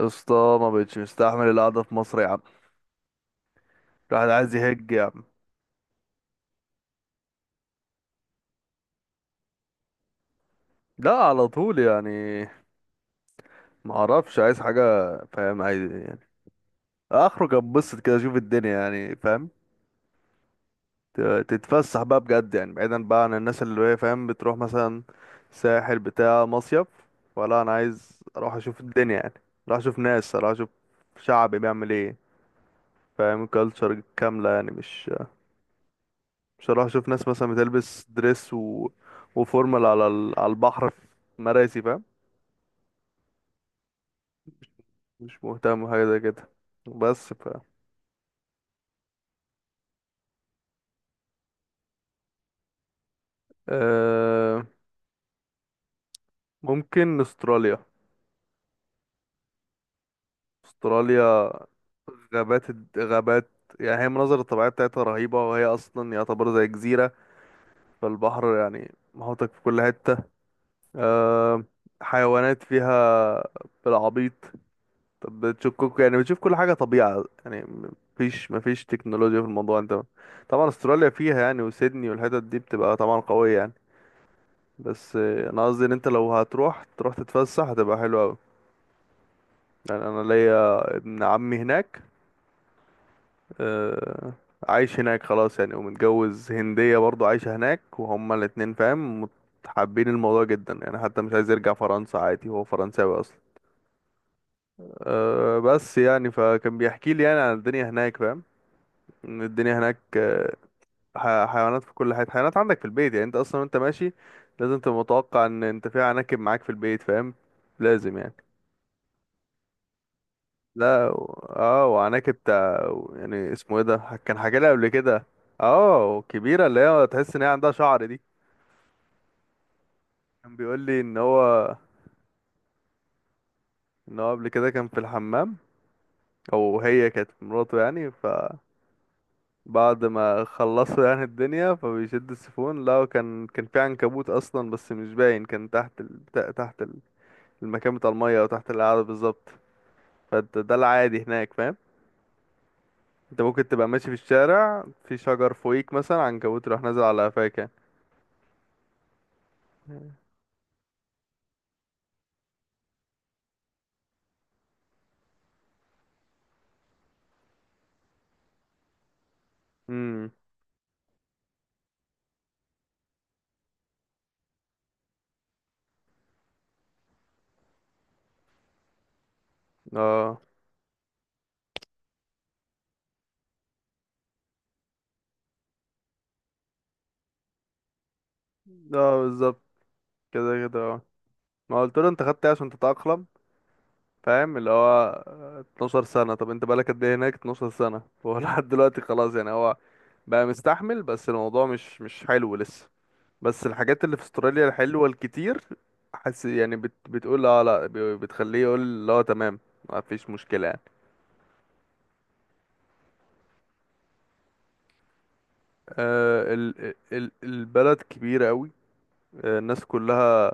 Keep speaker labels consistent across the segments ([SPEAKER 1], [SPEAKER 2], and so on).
[SPEAKER 1] يا اسطى، ما بقتش مستحمل القعده في مصر يا عم. الواحد عايز يهج يا عم. لا على طول يعني، ما اعرفش عايز حاجه فاهم، عايز يعني اخرج اتبسط كده اشوف الدنيا يعني فاهم، ت- تتفسح بقى بجد يعني بعيدا بقى عن الناس اللي هي فاهم بتروح مثلا ساحل بتاع مصيف ولا انا عايز اروح اشوف الدنيا يعني. اروح اشوف ناس، اروح اشوف شعبي بيعمل ايه فاهم، كلتشر كامله يعني. مش بصراحة، شوف ناس مثلا بتلبس دريس وفورمال على البحر في مراسي فاهم. مش مهتم بحاجة زي كده. بس ف أه... ممكن استراليا. استراليا، غابات، يعني هي المناظر الطبيعية بتاعتها رهيبة، وهي أصلا يعتبر زي جزيرة، فالبحر يعني محوطك في كل حتة. أه... حيوانات فيها بالعبيط. طب بتشككوا يعني، بتشوف كل حاجة طبيعة يعني، مفيش تكنولوجيا في الموضوع. انت طبعا استراليا فيها يعني، وسيدني والحتت دي بتبقى طبعا قوية يعني. بس انا قصدي ان انت لو هتروح تروح تتفسح هتبقى حلوة اوي. يعني انا ليا ابن عمي هناك، آه، عايش هناك خلاص يعني ومتجوز هندية برضو عايشة هناك، وهما الاتنين فاهم، حابين الموضوع جدا يعني، حتى مش عايز يرجع فرنسا عادي، هو فرنساوي اصلا. أه بس يعني، فكان بيحكي لي يعني عن الدنيا هناك فاهم. الدنيا هناك حيوانات في كل حتة، حيوانات عندك في البيت يعني. انت اصلا وانت ماشي لازم تبقى متوقع ان انت في عناكب معاك في البيت فاهم، لازم يعني. لا اه، وعناكب بتاع يعني اسمه ايه ده، كان حاجة لي قبل كده. اه كبيرة، اللي هي تحس ان هي عندها شعر دي. كان بيقول لي ان هو، ان هو قبل كده كان في الحمام، او هي كانت مراته يعني، فبعد ما خلصوا يعني الدنيا فبيشد السيفون، لا كان، كان في عنكبوت اصلا بس مش باين، كان تحت المكان بتاع المية او تحت القعدة بالظبط. فانت ده العادي هناك فاهم. انت ممكن تبقى ماشي في الشارع، في شجر فوقيك مثلا، عنكبوت راح نازل على قفاك يعني. امم، اه، اه بالظبط، كده كده اه. ما قلت له انت خدت ايه عشان تتأقلم، فاهم اللي هو 12 سنة. طب انت بقالك قد ايه هناك؟ 12 سنة هو لحد دلوقتي خلاص يعني، هو بقى مستحمل بس الموضوع مش، مش حلو لسه. بس الحاجات اللي في استراليا الحلوة الكتير، حس يعني بتقول اه، لا بتخليه يقول لا تمام، ما فيش مشكلة يعني. آه البلد كبيرة قوي. آه الناس كلها،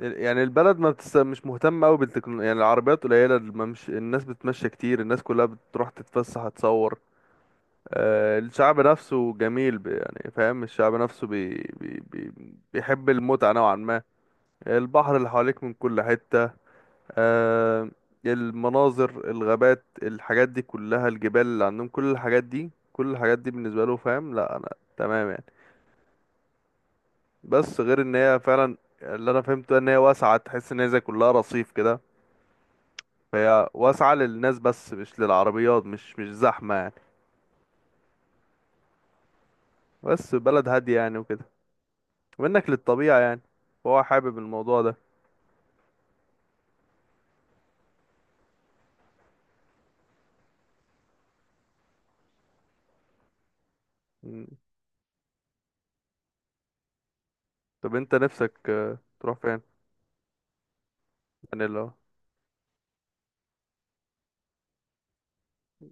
[SPEAKER 1] يعني البلد ما مش مهتمة قوي بالتكنولوجيا يعني، العربيات قليلة، الناس بتمشي كتير، الناس كلها بتروح تتفسح تصور. آه الشعب نفسه جميل، يعني فاهم الشعب نفسه بي... بي... بيحب المتعة نوعا ما. البحر اللي حواليك من كل حتة، آه المناظر، الغابات، الحاجات دي كلها، الجبال اللي عندهم، كل الحاجات دي، كل الحاجات دي بالنسبة له فاهم. لا انا تمام يعني، بس غير ان هي فعلا اللي انا فهمته ان هي واسعة، تحس ان هي زي كلها رصيف كده، فهي واسعة للناس بس مش للعربيات، مش زحمة يعني، بس بلد هادية يعني وكده، وانك للطبيعة يعني، فهو حابب الموضوع ده. مم. طب انت نفسك تروح فين؟ يعني لو،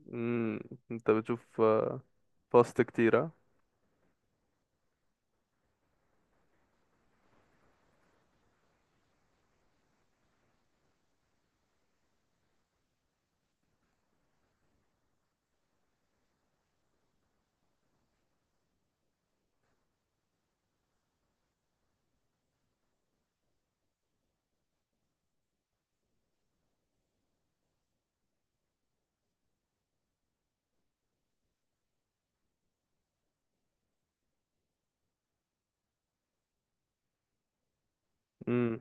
[SPEAKER 1] مم، انت بتشوف فاست كتير. ها؟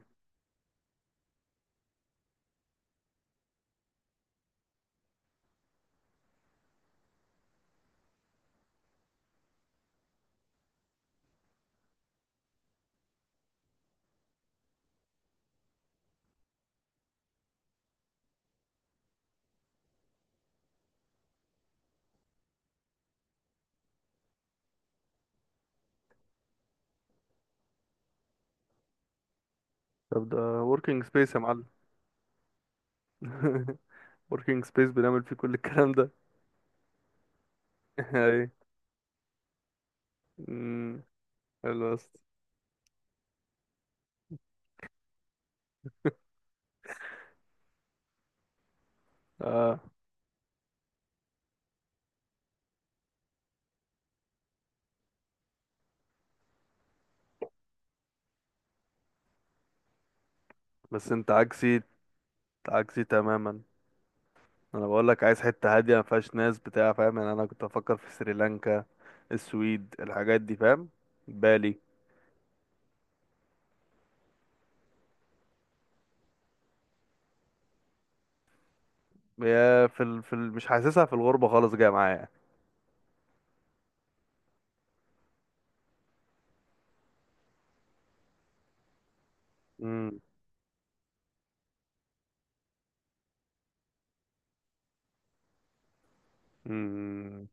[SPEAKER 1] طب ده working space يا معلم. working space بنعمل فيه كل الكلام ده. ايه. أمم، حلو بس. اه بس انت عكسي، عكسي تماما. انا بقول لك عايز حتة هادية ما فيهاش ناس بتاع فاهم، يعني انا كنت افكر في سريلانكا، السويد، الحاجات دي فاهم، بالي. هي مش حاسسها في الغربة خالص، جاية معايا. امم، امم،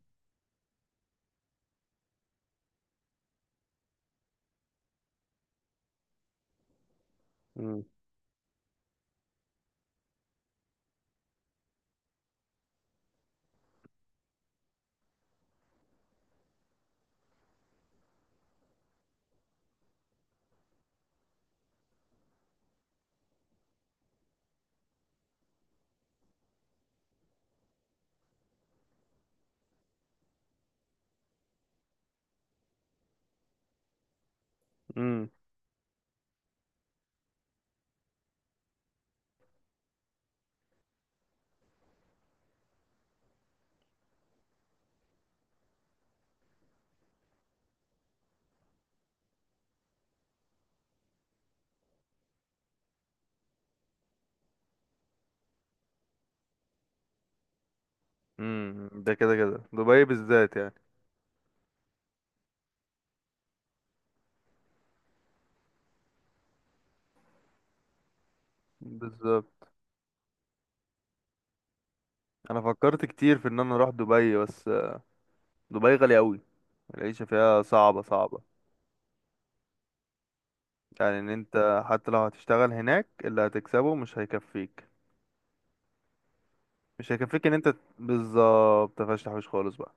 [SPEAKER 1] امم، امم. أمم. ده كده كده دبي بالذات يعني. بالظبط، انا فكرت كتير في ان انا اروح دبي، بس دبي غالية أوي، العيشة فيها صعبة صعبة. يعني إن أنت حتى لو هتشتغل هناك اللي هتكسبه مش هيكفيك. مش هيكفيك إن أنت، بالظبط، مفيهاش تحويش خالص بقى.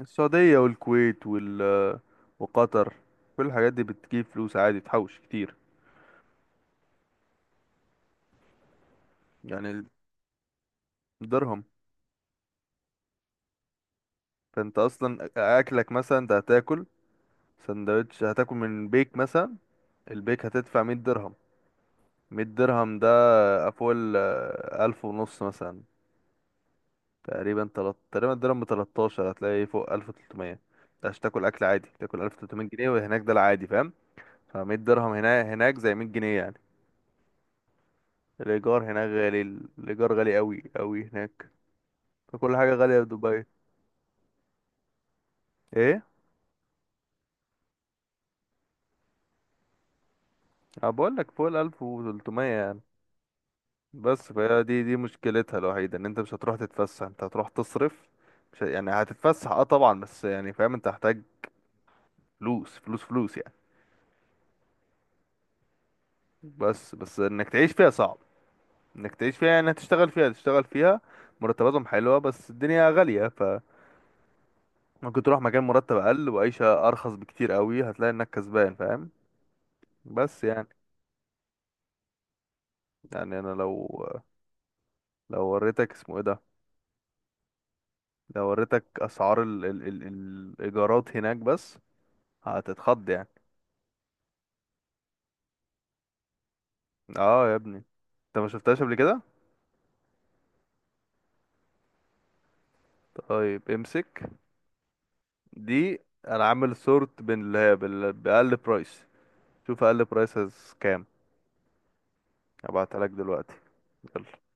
[SPEAKER 1] السعودية والكويت وقطر، كل الحاجات دي بتجيب فلوس عادي، تحوش كتير. يعني الدرهم، فأنت أصلا أكلك مثلا، أنت هتاكل سندوتش، هتاكل من بيك مثلا، البيك هتدفع مية درهم. مية درهم ده فوق ألف ونص مثلا تقريبا، تقريبا الدرهم ب 13، هتلاقي ايه؟ فوق 1300. ده عشان تاكل اكل عادي تاكل 1300 جنيه، وهناك ده العادي فاهم. ف 100 درهم هنا هناك زي 100 جنيه يعني. الايجار هناك غالي، الايجار غالي قوي قوي هناك، فكل حاجه غاليه في دبي. ايه، انا بقول لك فوق ال 1300 يعني. بس فهي دي مشكلتها الوحيده ان انت مش هتروح تتفسح، انت هتروح تصرف. مش ه- يعني هتتفسح اه طبعا، بس يعني فاهم انت هتحتاج فلوس فلوس فلوس يعني. بس انك تعيش فيها صعب، انك تعيش فيها يعني، هتشتغل فيها، تشتغل فيها مرتباتهم حلوة بس الدنيا غالية، فممكن تروح مكان مرتب أقل وعيشة أرخص بكتير قوي، هتلاقي إنك كسبان فاهم. بس يعني، يعني أنا لو، لو وريتك اسمه إيه ده، لو وريتك أسعار الإيجارات هناك بس، هتتخض يعني. اه يا ابني، انت ما شفتهاش قبل كده. طيب امسك دي، انا عامل سورت بين اللي هي بأقل برايس. شوف أقل برايس كام. هبعتها لك دلوقتي. يلا.